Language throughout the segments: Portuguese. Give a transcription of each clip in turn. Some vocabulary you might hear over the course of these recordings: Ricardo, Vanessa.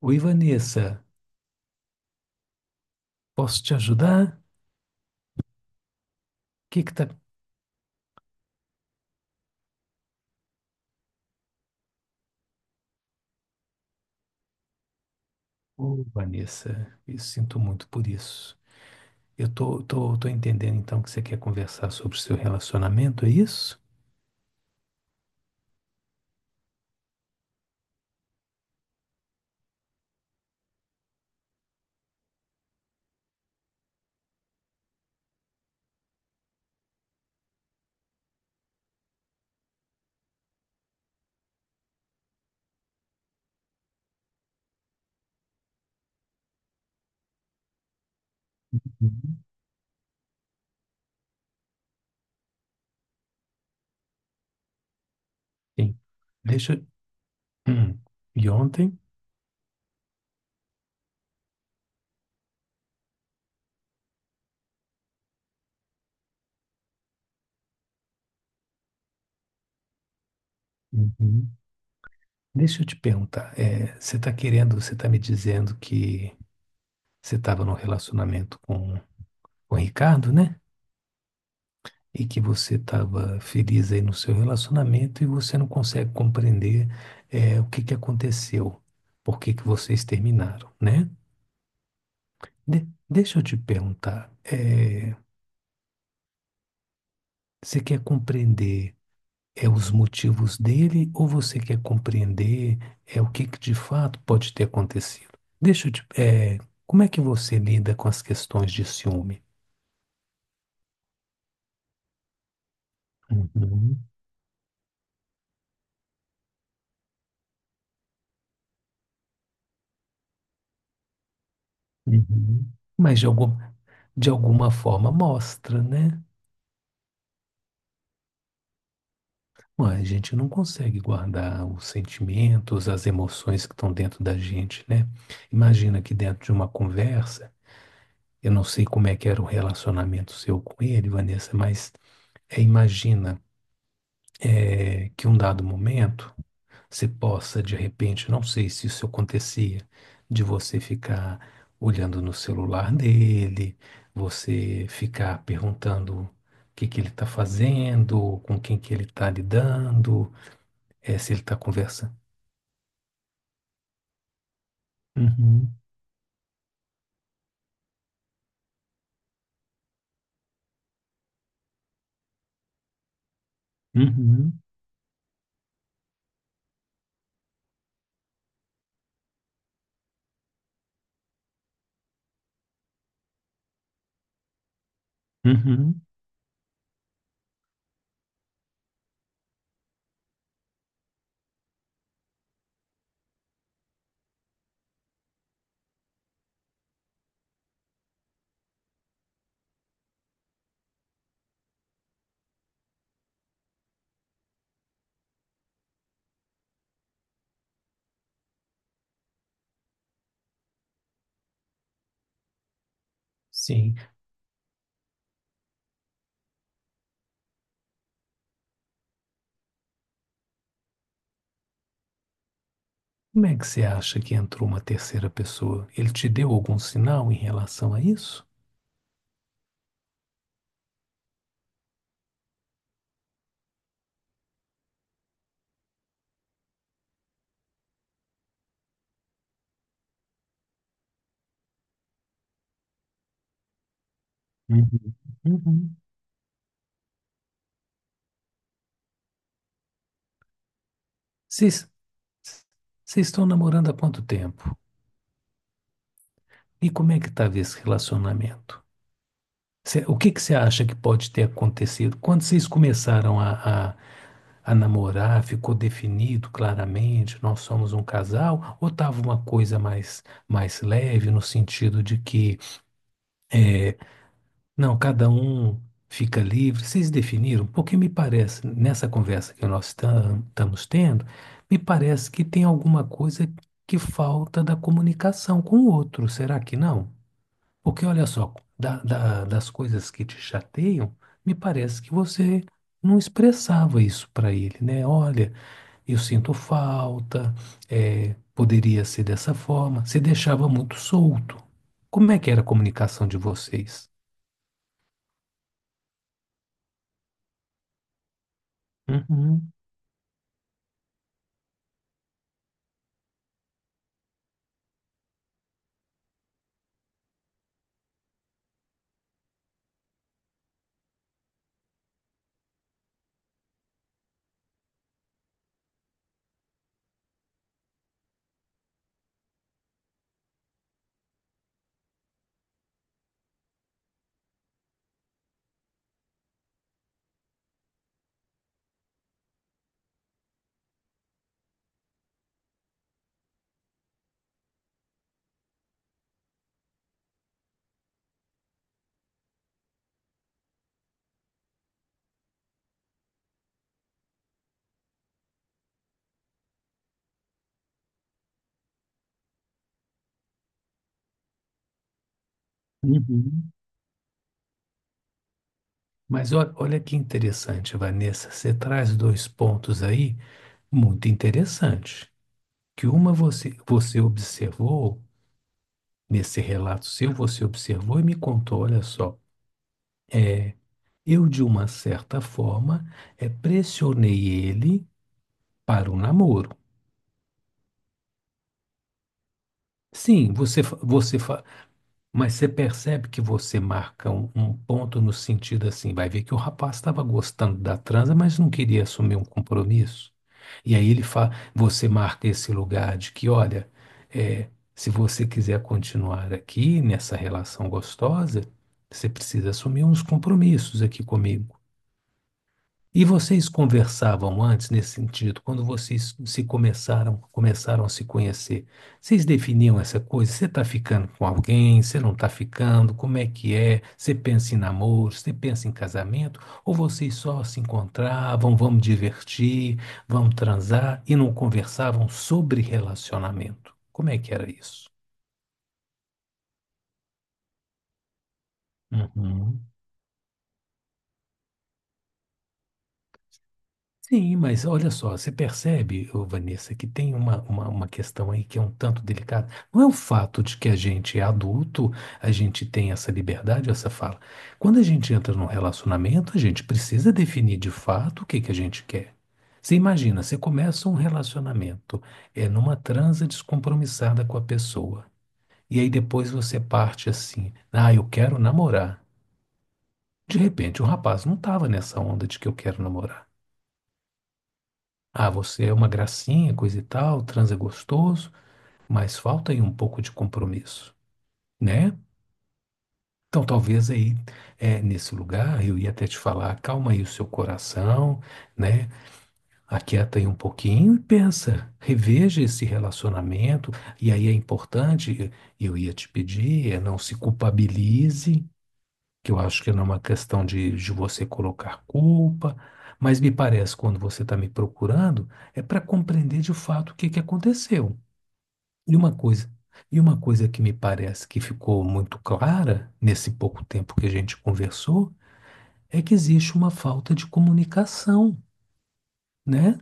Oi, Vanessa, posso te ajudar? O que que tá... Ô, Vanessa, eu sinto muito por isso. Eu tô entendendo então que você quer conversar sobre o seu relacionamento, é isso? Uhum. Sim. Deixa... Hum. E ontem? Uhum. Deixa eu te perguntar, você tá querendo, você tá me dizendo que você estava num relacionamento com o Ricardo, né? E que você estava feliz aí no seu relacionamento e você não consegue compreender o que que aconteceu, por que que vocês terminaram, né? Deixa eu te perguntar, você quer compreender os motivos dele ou você quer compreender o que que de fato pode ter acontecido? Deixa eu te, é como é que você lida com as questões de ciúme? Uhum, uhum. Mas de algum, de alguma forma mostra, né? Ué, a gente não consegue guardar os sentimentos, as emoções que estão dentro da gente, né? Imagina que dentro de uma conversa, eu não sei como é que era o relacionamento seu com ele, Vanessa, mas imagina que um dado momento você possa, de repente, não sei se isso acontecia, de você ficar olhando no celular dele, você ficar perguntando o que que ele está fazendo, com quem que ele está lidando, se ele está conversando. Uhum, uhum, uhum, sim. Como é que você acha que entrou uma terceira pessoa? Ele te deu algum sinal em relação a isso? Uhum, uhum. Vocês vocês estão namorando há quanto tempo? E como é que estava esse relacionamento? O que que você acha que pode ter acontecido? Quando vocês começaram a namorar, ficou definido claramente, nós somos um casal? Ou estava uma coisa mais, mais leve, no sentido de que não, cada um fica livre. Vocês definiram? Porque me parece, nessa conversa que estamos tendo, me parece que tem alguma coisa que falta da comunicação com o outro. Será que não? Porque olha só, das coisas que te chateiam, me parece que você não expressava isso para ele, né? Olha, eu sinto falta, é, poderia ser dessa forma. Você deixava muito solto. Como é que era a comunicação de vocês? Uhum. Uhum. Mas olha, olha que interessante, Vanessa. Você traz dois pontos aí muito interessantes. Que uma você observou, nesse relato seu, você observou e me contou, olha só. Eu, de uma certa forma, pressionei ele para o namoro. Sim, mas você percebe que você marca um, um ponto no sentido assim, vai ver que o rapaz estava gostando da transa, mas não queria assumir um compromisso. E aí ele fala, você marca esse lugar de que, olha, é, se você quiser continuar aqui nessa relação gostosa, você precisa assumir uns compromissos aqui comigo. E vocês conversavam antes nesse sentido, quando vocês se começaram, começaram a se conhecer, vocês definiam essa coisa? Você está ficando com alguém? Você não está ficando? Como é que é? Você pensa em namoro? Você pensa em casamento? Ou vocês só se encontravam, vamos divertir, vamos transar e não conversavam sobre relacionamento? Como é que era isso? Uhum. Sim, mas olha só, você percebe, ô Vanessa, que tem uma questão aí que é um tanto delicada. Não é o fato de que a gente é adulto, a gente tem essa liberdade, essa fala. Quando a gente entra num relacionamento, a gente precisa definir de fato o que que a gente quer. Você imagina, você começa um relacionamento, é numa transa descompromissada com a pessoa. E aí depois você parte assim, ah, eu quero namorar. De repente, o rapaz não estava nessa onda de que eu quero namorar. Ah, você é uma gracinha, coisa e tal, transa gostoso, mas falta aí um pouco de compromisso, né? Então, talvez aí, nesse lugar, eu ia até te falar, calma aí o seu coração, né? Aquieta aí um pouquinho e pensa, reveja esse relacionamento. E aí é importante, eu ia te pedir, é não se culpabilize, que eu acho que não é uma questão de você colocar culpa, mas me parece, quando você está me procurando, é para compreender de fato o que que aconteceu. E uma coisa, e uma coisa que me parece que ficou muito clara nesse pouco tempo que a gente conversou é que existe uma falta de comunicação, né?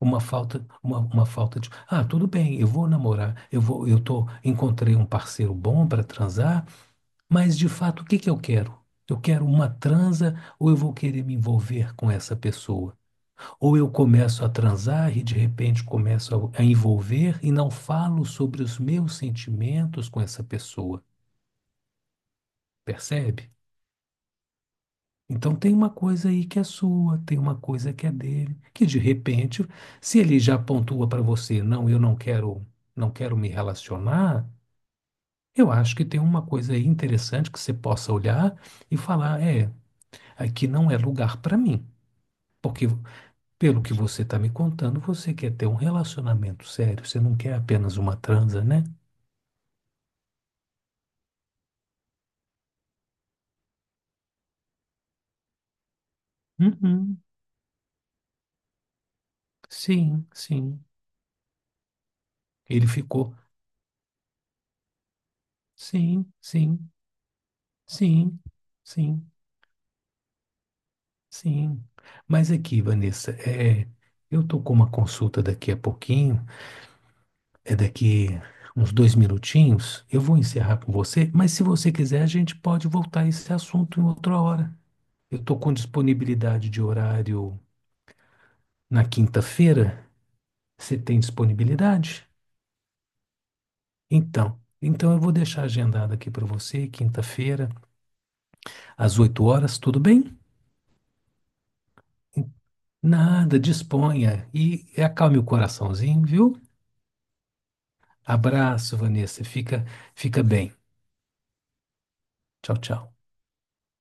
Uma falta, uma falta de, ah, tudo bem, eu vou namorar, eu tô, encontrei um parceiro bom para transar, mas de fato, o que que eu quero? Eu quero uma transa ou eu vou querer me envolver com essa pessoa? Ou eu começo a transar e de repente começo a envolver e não falo sobre os meus sentimentos com essa pessoa, percebe? Então tem uma coisa aí que é sua, tem uma coisa que é dele, que de repente, se ele já pontua para você, não, eu não quero, não quero me relacionar, eu acho que tem uma coisa aí interessante que você possa olhar e falar, é, aqui não é lugar para mim, porque pelo que você está me contando, você quer ter um relacionamento sério, você não quer apenas uma transa, né? Uhum. Sim, sim. Ele ficou. Sim, sim, sim, sim, sim. Mas aqui, Vanessa, é, eu tô com uma consulta daqui a pouquinho, é daqui uns 2 minutinhos. Eu vou encerrar com você, mas se você quiser, a gente pode voltar a esse assunto em outra hora. Eu tô com disponibilidade de horário na quinta-feira. Você tem disponibilidade? Então, então eu vou deixar agendado aqui para você, quinta-feira, às 8 horas, tudo bem? Nada, disponha e acalme o coraçãozinho, viu? Abraço, Vanessa. Fica, fica bem. Tchau, tchau.